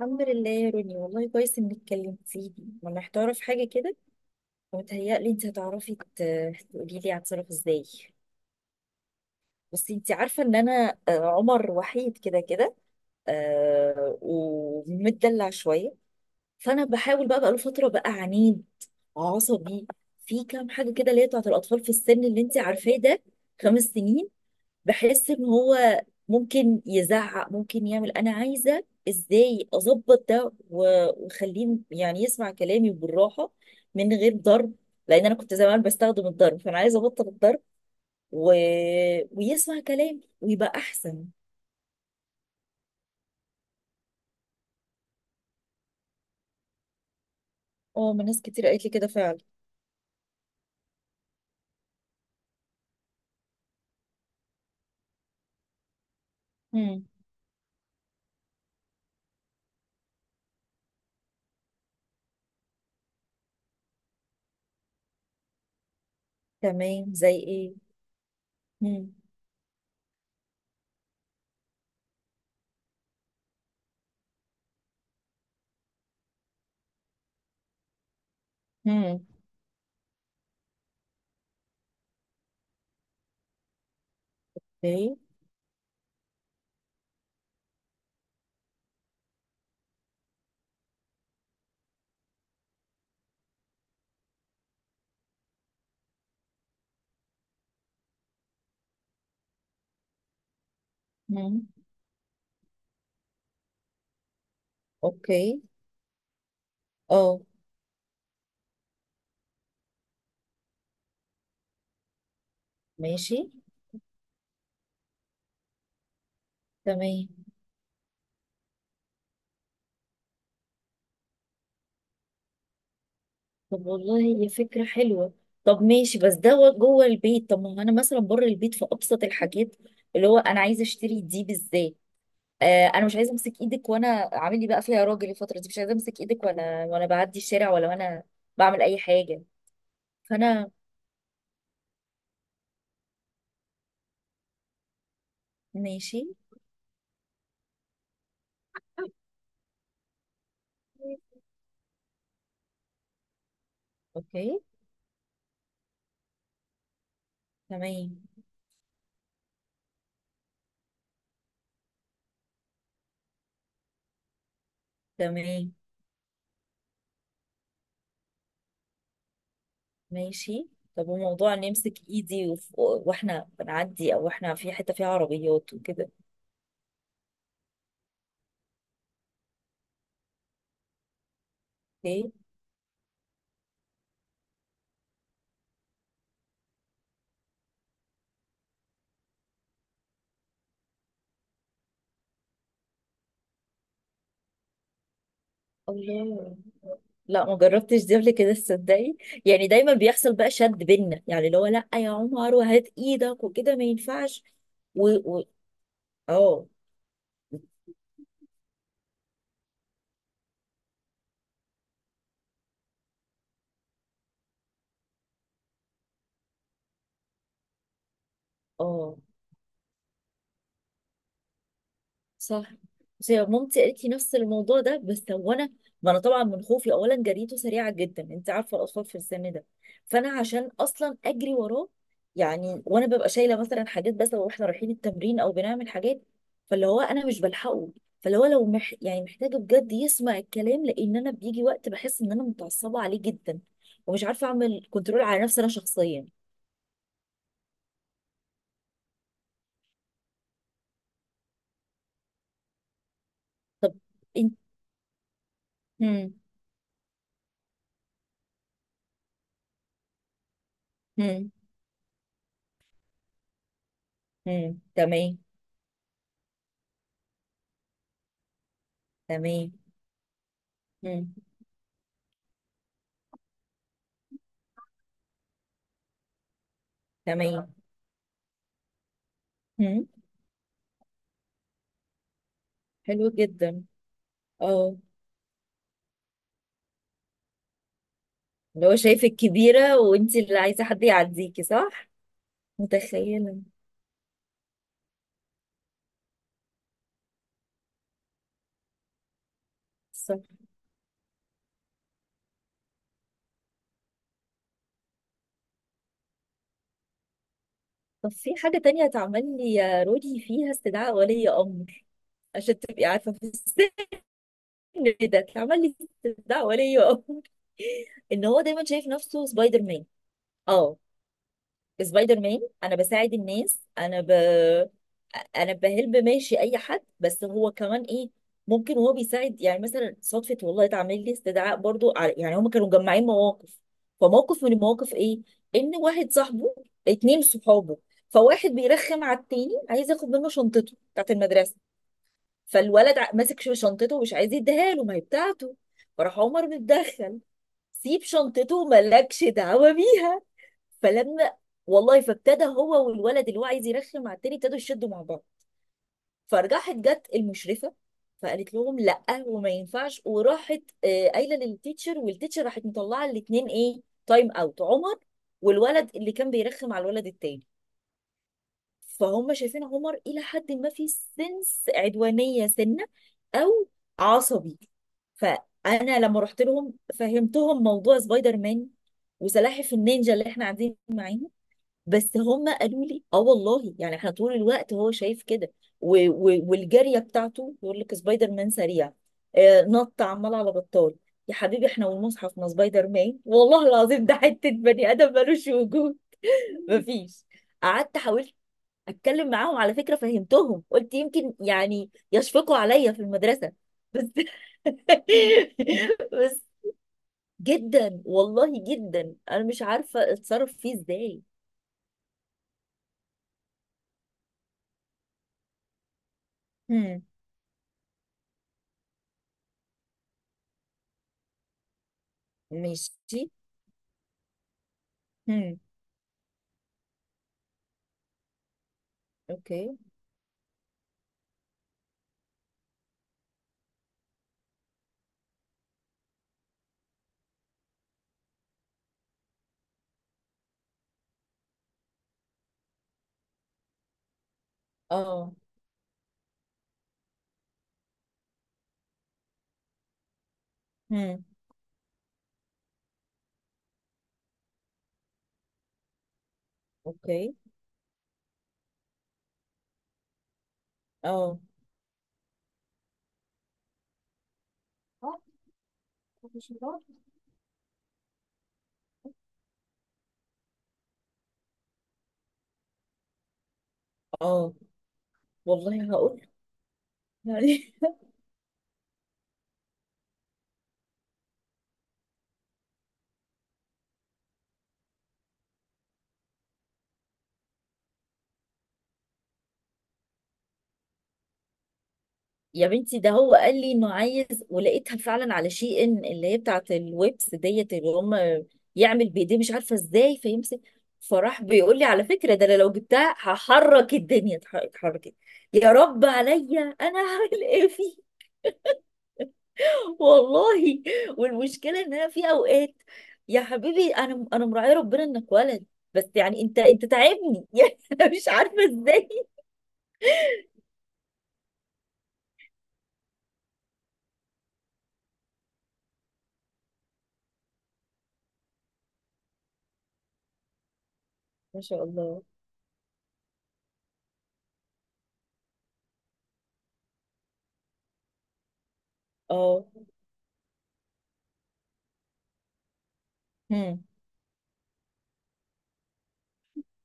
الحمد لله يا روني، والله كويس انك كلمتيني. انا محتاره في حاجه كده، ومتهيألي انت هتعرفي تقولي لي هتصرف ازاي. بس انت عارفه ان انا عمر وحيد كده كده، ومتدلع شويه. فانا بحاول بقى له فتره بقى عنيد عصبي في كام حاجه كده اللي هي بتاعت الاطفال في السن اللي انت عارفاه ده. 5 سنين. بحس ان هو ممكن يزعق ممكن يعمل. انا عايزه ازاي اظبط ده واخليه يعني يسمع كلامي بالراحه، من غير ضرب، لان انا كنت زمان بستخدم الضرب، فانا عايزه ابطل الضرب و... ويسمع كلامي ويبقى احسن. اه، ما ناس كتير قالت لي كده فعلا. مم. تمام، زي ايه؟ مم. مم. اوكي. مم. اوكي. اه، ماشي. تمام. طب والله هي فكرة حلوة. طب ماشي، بس ده جوه البيت. طب ما هو انا مثلا بره البيت في ابسط الحاجات اللي هو انا عايزة اشتري دي بالذات. آه، انا مش عايزة امسك ايدك وانا عامل لي بقى فيها راجل الفترة دي، مش عايزة امسك ايدك وانا بعدي الشارع، ولا وانا بعمل اي حاجة. فانا ماشي. اوكي. تمام. تمام. ماشي. طب وموضوع ان امسك ايدي واحنا بنعدي، او احنا في حتة فيها عربيات وكده؟ اوكي. الله، لا ما جربتش دي قبل كده تصدقي. يعني دايما بيحصل بقى شد بينا، يعني اللي هو لا يا عمر وهات ايدك وكده، ما ينفعش. و و اه. اه، صح. بس هي مامتي قالت لي نفس الموضوع ده، بس وانا، ما انا طبعا من خوفي اولا جريته سريعه جدا، انت عارفه الاطفال في السن ده. فانا عشان اصلا اجري وراه، يعني وانا ببقى شايله مثلا حاجات، بس لو احنا رايحين التمرين او بنعمل حاجات، فاللي هو انا مش بلحقه. فاللي هو لو يعني محتاجه بجد يسمع الكلام، لان انا بيجي وقت بحس ان انا متعصبه عليه جدا، ومش عارفه اعمل كنترول على نفسي انا شخصيا. طب. انت. هم. هم. هم، تمام. تمام. هم. تمام. هم. حلو جدا. اه. اللي هو شايفك كبيرة وانت اللي عايزة حد يعديكي، صح؟ متخيلة. صح. طب في حاجة تانية اتعمل لي يا رودي فيها استدعاء ولي أمر. عشان تبقي عارفة في السن ده. اتعمل لي استدعاء ولي أمر. ان هو دايما شايف نفسه سبايدر مان. اه. سبايدر مان. انا بساعد الناس. انا انا بهلب ماشي اي حد. بس هو كمان ايه، ممكن وهو بيساعد يعني، مثلا صدفه والله اتعمل لي استدعاء برضو على، يعني هم كانوا مجمعين مواقف. فموقف من المواقف ايه، ان واحد صاحبه، اتنين صحابه، فواحد بيرخم على التاني عايز ياخد منه شنطته بتاعت المدرسه، فالولد ماسك شنطته ومش عايز يديها له، ما هي بتاعته. فراح عمر متدخل، سيب شنطته مالكش دعوه بيها. فلما، والله، فابتدى هو والولد اللي هو عايز يرخم على التاني ابتدوا يشدوا مع بعض. فراحت جت المشرفه، فقالت لهم لا وما ينفعش، وراحت قايله للتيتشر، والتيتشر راحت مطلعه الاثنين ايه، تايم اوت عمر والولد اللي كان بيرخم على الولد التاني. فهم شايفين عمر الى حد ما في سنس عدوانيه سنه، او عصبي. فانا لما رحت لهم فهمتهم موضوع سبايدر مان وسلاحف النينجا اللي احنا قاعدين معاه. بس هم قالوا لي اه والله، يعني احنا طول الوقت هو شايف كده، والجاريه بتاعته يقول لك سبايدر مان سريع، آه نط عمال على بطال. يا حبيبي احنا والمصحف، ما سبايدر مان والله العظيم ده حته بني ادم ملوش وجود. مفيش. قعدت حاولت اتكلم معاهم على فكره، فهمتهم، قلت يمكن يعني يشفقوا عليا في المدرسه، بس بس جدا والله جدا انا مش عارفه اتصرف فيه ازاي. هم. ماشي. هم. اوكي. اه. هم. اوكي. اه. اه والله هقول. يعني يا بنتي، ده هو قال لي انه عايز، ولقيتها فعلا على شي ان اللي هي بتاعت الويبس ديت اللي هم يعمل بايديه مش عارفه ازاي فيمسك، فراح بيقول لي على فكره ده أنا لو جبتها هحرك الدنيا اتحركت. يا رب عليا انا هعمل ايه؟ والله. والمشكله ان انا في اوقات، يا حبيبي انا مراعيه ربنا انك ولد، بس يعني انت تعبني. يعني انا مش عارفه ازاي. ما شاء الله. اه. هم.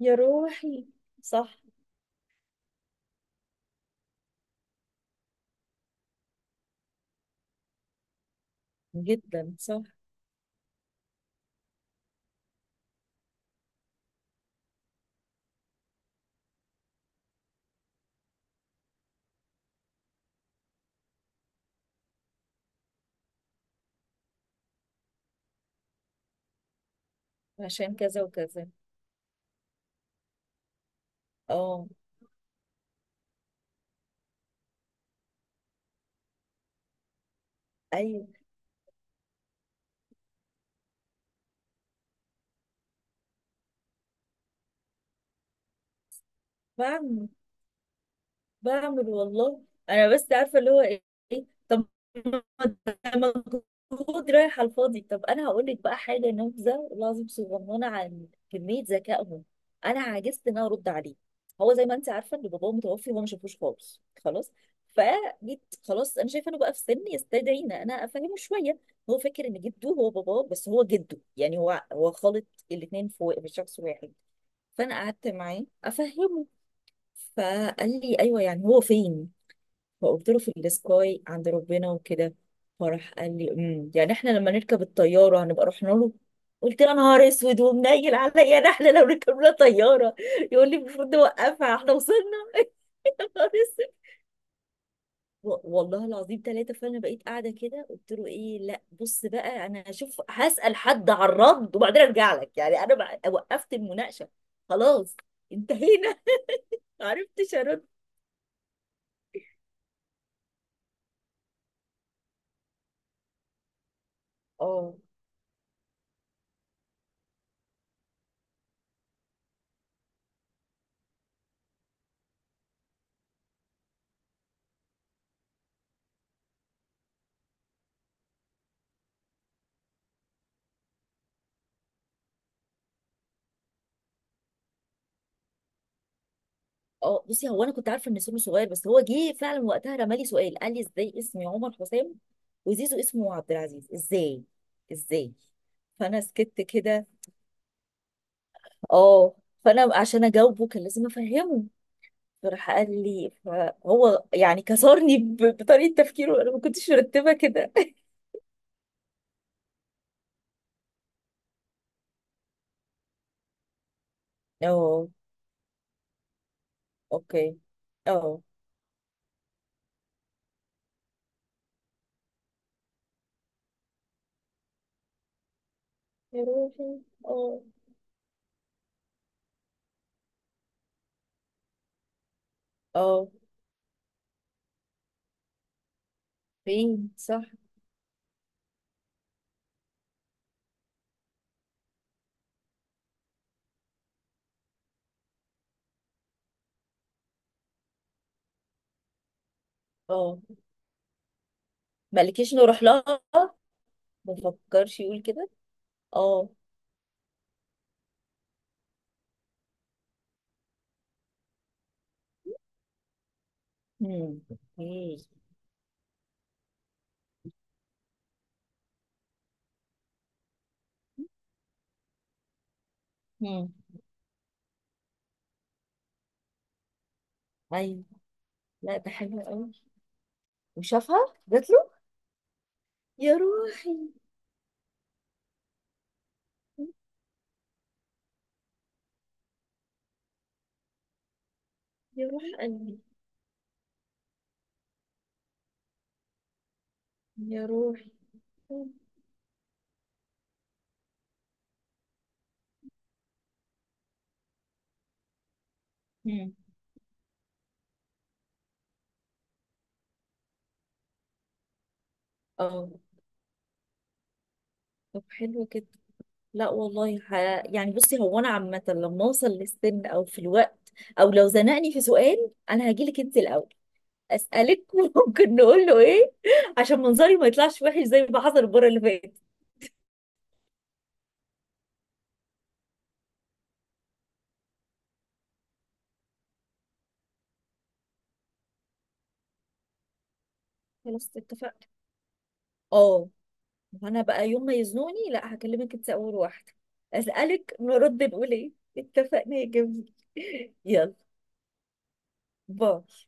يا روحي. صح. جدا صح. عشان كذا وكذا. اه. ايوه. بعمل بعمل والله. انا بس عارفه اللي هو ايه. طب ما ده مجهود رايح على الفاضي. طب انا هقول لك بقى حاجه نبذه والله العظيم صغننه عن كميه ذكائهم. انا عجزت ان انا ارد عليه. هو زي ما انت عارفه ان باباه متوفي وهو ما شافوش خالص، خلاص. فجيت، خلاص انا شايفه انه بقى في سن يستدعي ان انا افهمه شويه. هو فاكر ان جده هو باباه، بس هو جده، يعني هو خالط الاثنين في شخص واحد. فانا قعدت معاه افهمه. فقال لي ايوه، يعني هو فين؟ فقلت له في السكاي عند ربنا وكده. فراح قال لي يعني احنا لما نركب الطياره هنبقى رحنا له؟ قلت له يا نهار اسود ومنيل عليا، ده احنا لو ركبنا طياره يقول لي المفروض نوقفها احنا وصلنا. يا نهار اسود. والله العظيم ثلاثه. فانا بقيت قاعده كده قلت له ايه، لا بص بقى، انا هشوف هسال حد على الرد وبعدين ارجع لك. يعني انا وقفت المناقشه. خلاص. انتهينا. ما عرفتش ارد. اه. اه، بصي هو انا كنت عارفه ان سمو صغير، بس هو جه فعلا وقتها رمالي سؤال قال لي ازاي اسمي عمر حسام وزيزو اسمه عبد العزيز ازاي. ازاي. فانا سكت كده. اه. فانا عشان اجاوبه كان لازم افهمه. فراح قال لي، فهو يعني كسرني بطريقه تفكيره، انا ما كنتش مرتبه كده. اه. اوكي. اه. يا روحي. اه. اه، فين؟ صح. اه. مالكيش نروح لها. ما فكرش يقول كده. اه. امم. ايه. امم. ايوه. لا ده حلو قوي. وشافها جات له. يا روحي. يا روح قلبي. يا روحي. امم. اه، طب حلو كده. لا والله يعني بصي، هو انا عامه لما اوصل للسن او في الوقت، او لو زنقني في سؤال، انا هجيلك انت الاول اسالك وممكن نقول له ايه، عشان منظري ما يطلعش وحش زي ما حصل المره اللي فاتت. خلاص اتفقنا. اه. وانا بقى يوم ما يزنوني، لا هكلمك انت اول واحده اسالك نرد نقول ايه. اتفقنا يا جميل. يلا باي.